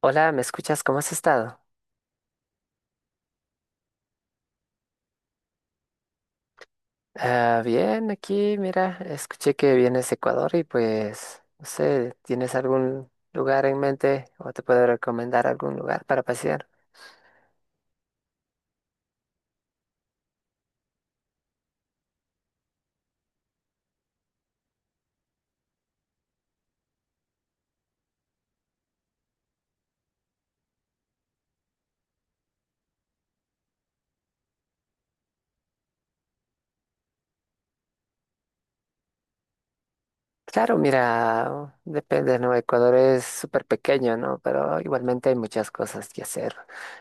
Hola, ¿me escuchas? ¿Cómo has estado? Ah, bien, aquí, mira, escuché que vienes de Ecuador y pues, no sé, ¿tienes algún lugar en mente o te puedo recomendar algún lugar para pasear? Claro, mira, depende, ¿no? Ecuador es súper pequeño, ¿no? Pero igualmente hay muchas cosas que hacer.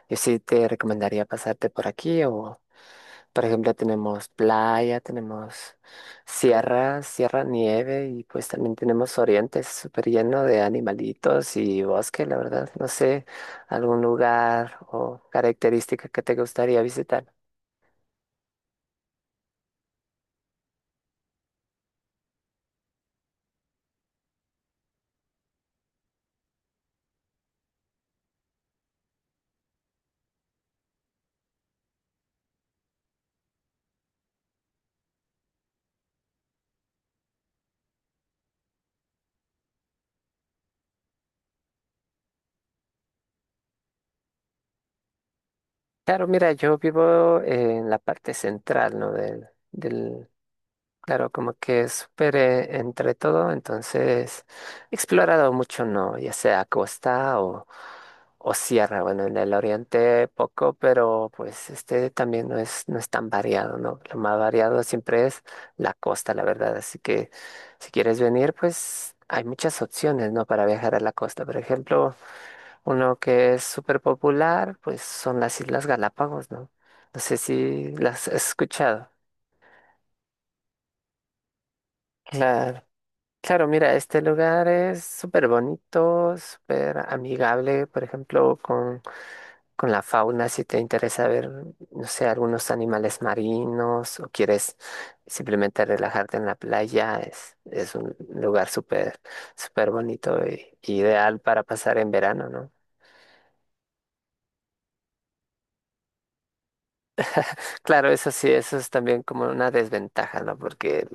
Yo sí te recomendaría pasarte por aquí o por ejemplo, tenemos playa, tenemos sierra, sierra nieve y pues también tenemos oriente, es súper lleno de animalitos y bosque, la verdad. No sé, algún lugar o característica que te gustaría visitar. Claro, mira, yo vivo en la parte central, ¿no? Del claro, como que es súper entre todo, entonces he explorado mucho, ¿no? Ya sea costa o sierra, bueno, en el oriente poco, pero pues este también no es, no es tan variado, ¿no? Lo más variado siempre es la costa, la verdad, así que si quieres venir, pues hay muchas opciones, ¿no? Para viajar a la costa, por ejemplo, uno que es súper popular, pues son las Islas Galápagos, ¿no? No sé si las has escuchado. Claro. Claro, mira, este lugar es súper bonito, súper amigable, por ejemplo, con la fauna, si te interesa ver, no sé, algunos animales marinos o quieres simplemente relajarte en la playa, es un lugar súper, súper bonito y ideal para pasar en verano, ¿no? Claro, eso sí, eso es también como una desventaja, ¿no? Porque,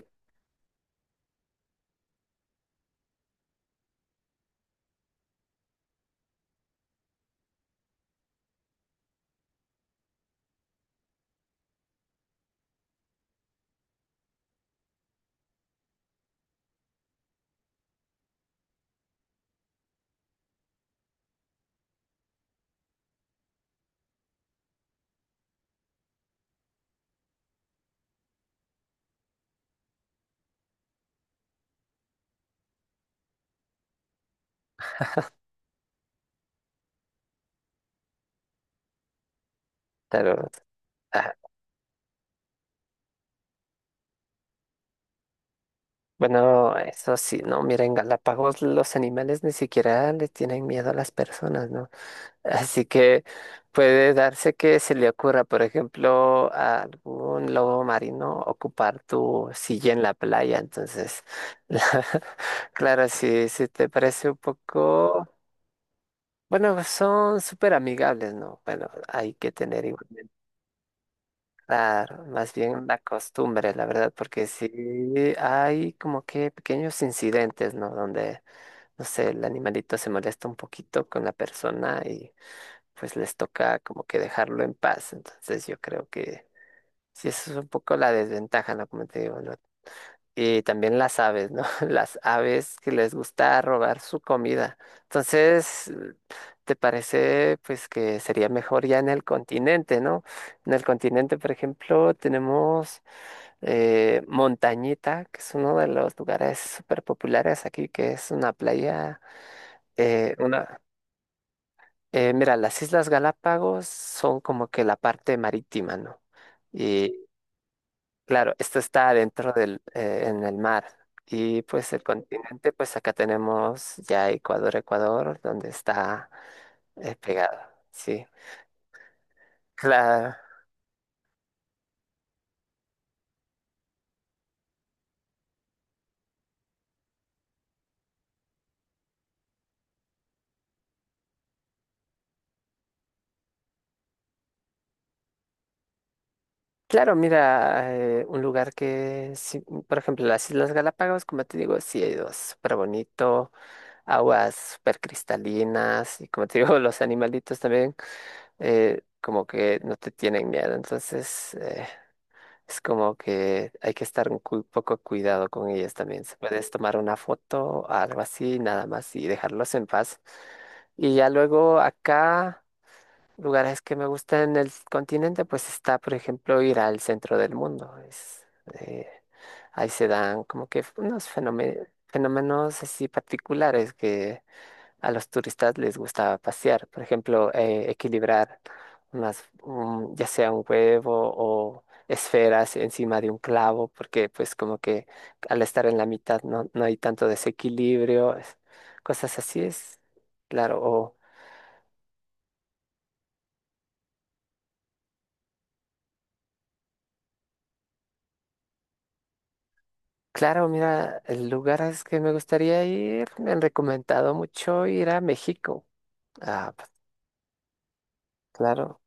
claro, ah, bueno, eso sí, ¿no? Mira, en Galápagos los animales ni siquiera le tienen miedo a las personas, ¿no? Así que puede darse que se le ocurra, por ejemplo, a algún lobo marino ocupar tu silla en la playa. Entonces, la- claro, si, si te parece un poco, bueno, son súper amigables, ¿no? Bueno, hay que tener igualmente, claro, más bien la costumbre, la verdad, porque sí hay como que pequeños incidentes, ¿no? Donde, no sé, el animalito se molesta un poquito con la persona pues les toca como que dejarlo en paz. Entonces yo creo que sí, eso es un poco la desventaja, ¿no? Como te digo, ¿no? Y también las aves, ¿no? Las aves que les gusta robar su comida. Entonces, ¿te parece pues que sería mejor ya en el continente, ¿no? En el continente, por ejemplo, tenemos Montañita, que es uno de los lugares súper populares aquí, que es una playa, una... mira, las Islas Galápagos son como que la parte marítima, ¿no? Y claro, esto está adentro del, en el mar. Y pues el continente, pues acá tenemos ya Ecuador, Ecuador, donde está pegado. Sí. Claro, claro, mira, un lugar que, sí, por ejemplo, las Islas Galápagos, como te digo, sí, hay dos, súper bonito, aguas súper cristalinas, y como te digo, los animalitos también como que no te tienen miedo. Entonces, es como que hay que estar un cu- poco cuidado con ellas también. Se puedes tomar una foto, algo así, nada más y dejarlos en paz. Y ya luego acá, lugares que me gustan en el continente, pues está, por ejemplo, ir al centro del mundo. Es, eh, ahí se dan como que unos fenome- fenómenos así particulares que a los turistas les gustaba pasear, por ejemplo, equilibrar más un- ya sea un huevo o esferas encima de un clavo, porque pues como que al estar en la mitad no, no hay tanto desequilibrio, es- cosas así es, claro, o claro, mira, el lugar es que me gustaría ir, me han recomendado mucho ir a México. Ah, pues, claro.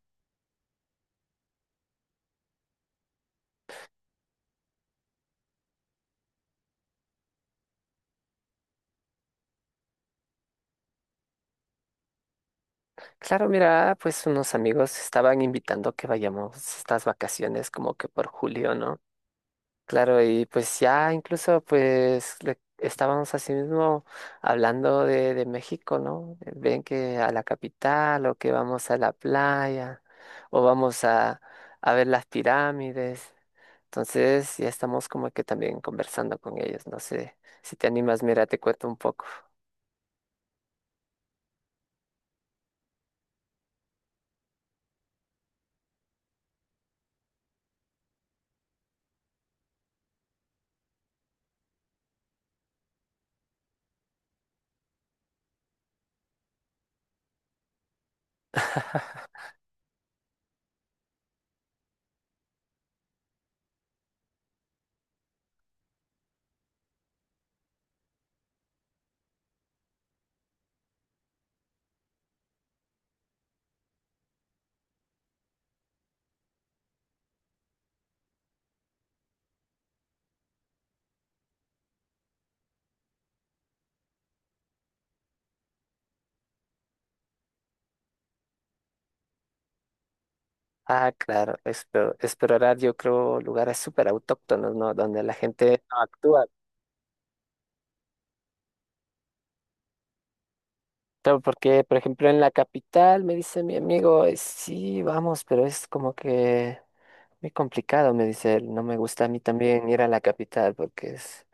Claro, mira, pues unos amigos estaban invitando que vayamos estas vacaciones como que por julio, ¿no? Claro, y pues ya incluso pues le- estábamos así mismo hablando de México, ¿no? Ven que a la capital o que vamos a la playa o vamos a ver las pirámides. Entonces ya estamos como que también conversando con ellos. No sé, si te animas, mira, te cuento un poco. Ah, claro, espero, explorar yo creo lugares súper autóctonos, ¿no? Donde la gente no actúa. Claro, porque, por ejemplo, en la capital me dice mi amigo, sí, vamos, pero es como que muy complicado, me dice él. No me gusta a mí también ir a la capital porque es,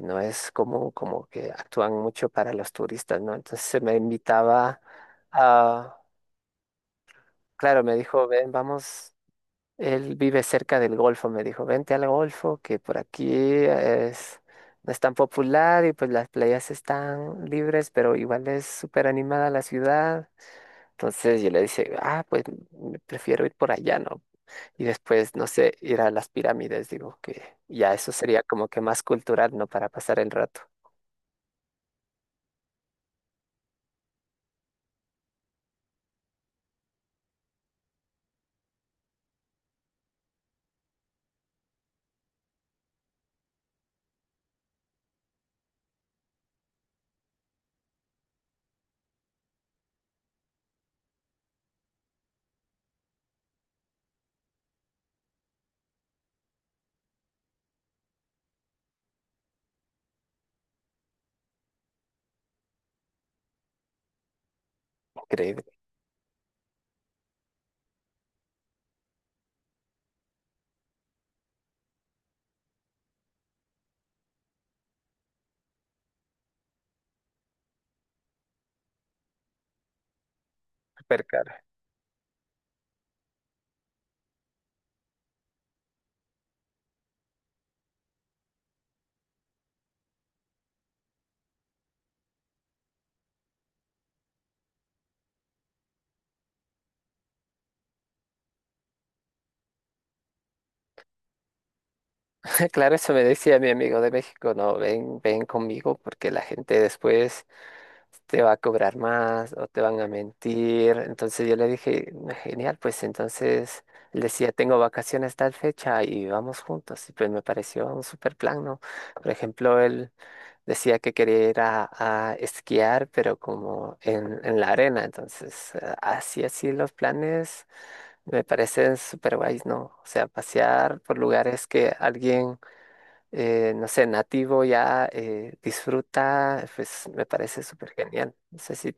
no es como, como que actúan mucho para los turistas, ¿no? Entonces me invitaba a, claro, me dijo, ven, vamos, él vive cerca del Golfo, me dijo, vente al Golfo, que por aquí es, no es tan popular y pues las playas están libres, pero igual es súper animada la ciudad. Entonces yo le dice, ah, pues me prefiero ir por allá, ¿no? Y después, no sé, ir a las pirámides, digo, que ya eso sería como que más cultural, ¿no? Para pasar el rato. Increíble, súper caro. Claro, eso me decía mi amigo de México, no, ven, ven conmigo porque la gente después te va a cobrar más o te van a mentir. Entonces yo le dije, "Ah, genial, pues entonces él decía, tengo vacaciones tal fecha y vamos juntos. Y pues me pareció un súper plan, ¿no? Por ejemplo, él... Decía que quería ir a esquiar, pero como en la arena. Entonces, así, así los planes me parecen súper guays, ¿no? O sea, pasear por lugares que alguien, no sé, nativo ya disfruta, pues me parece súper genial. No sé si,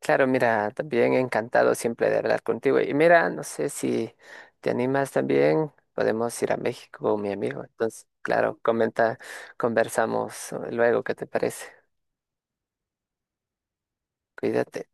claro, mira, también encantado siempre de hablar contigo. Y mira, no sé si te animas también, podemos ir a México, mi amigo. Entonces, claro, comenta, conversamos luego, ¿qué te parece? Cuídate.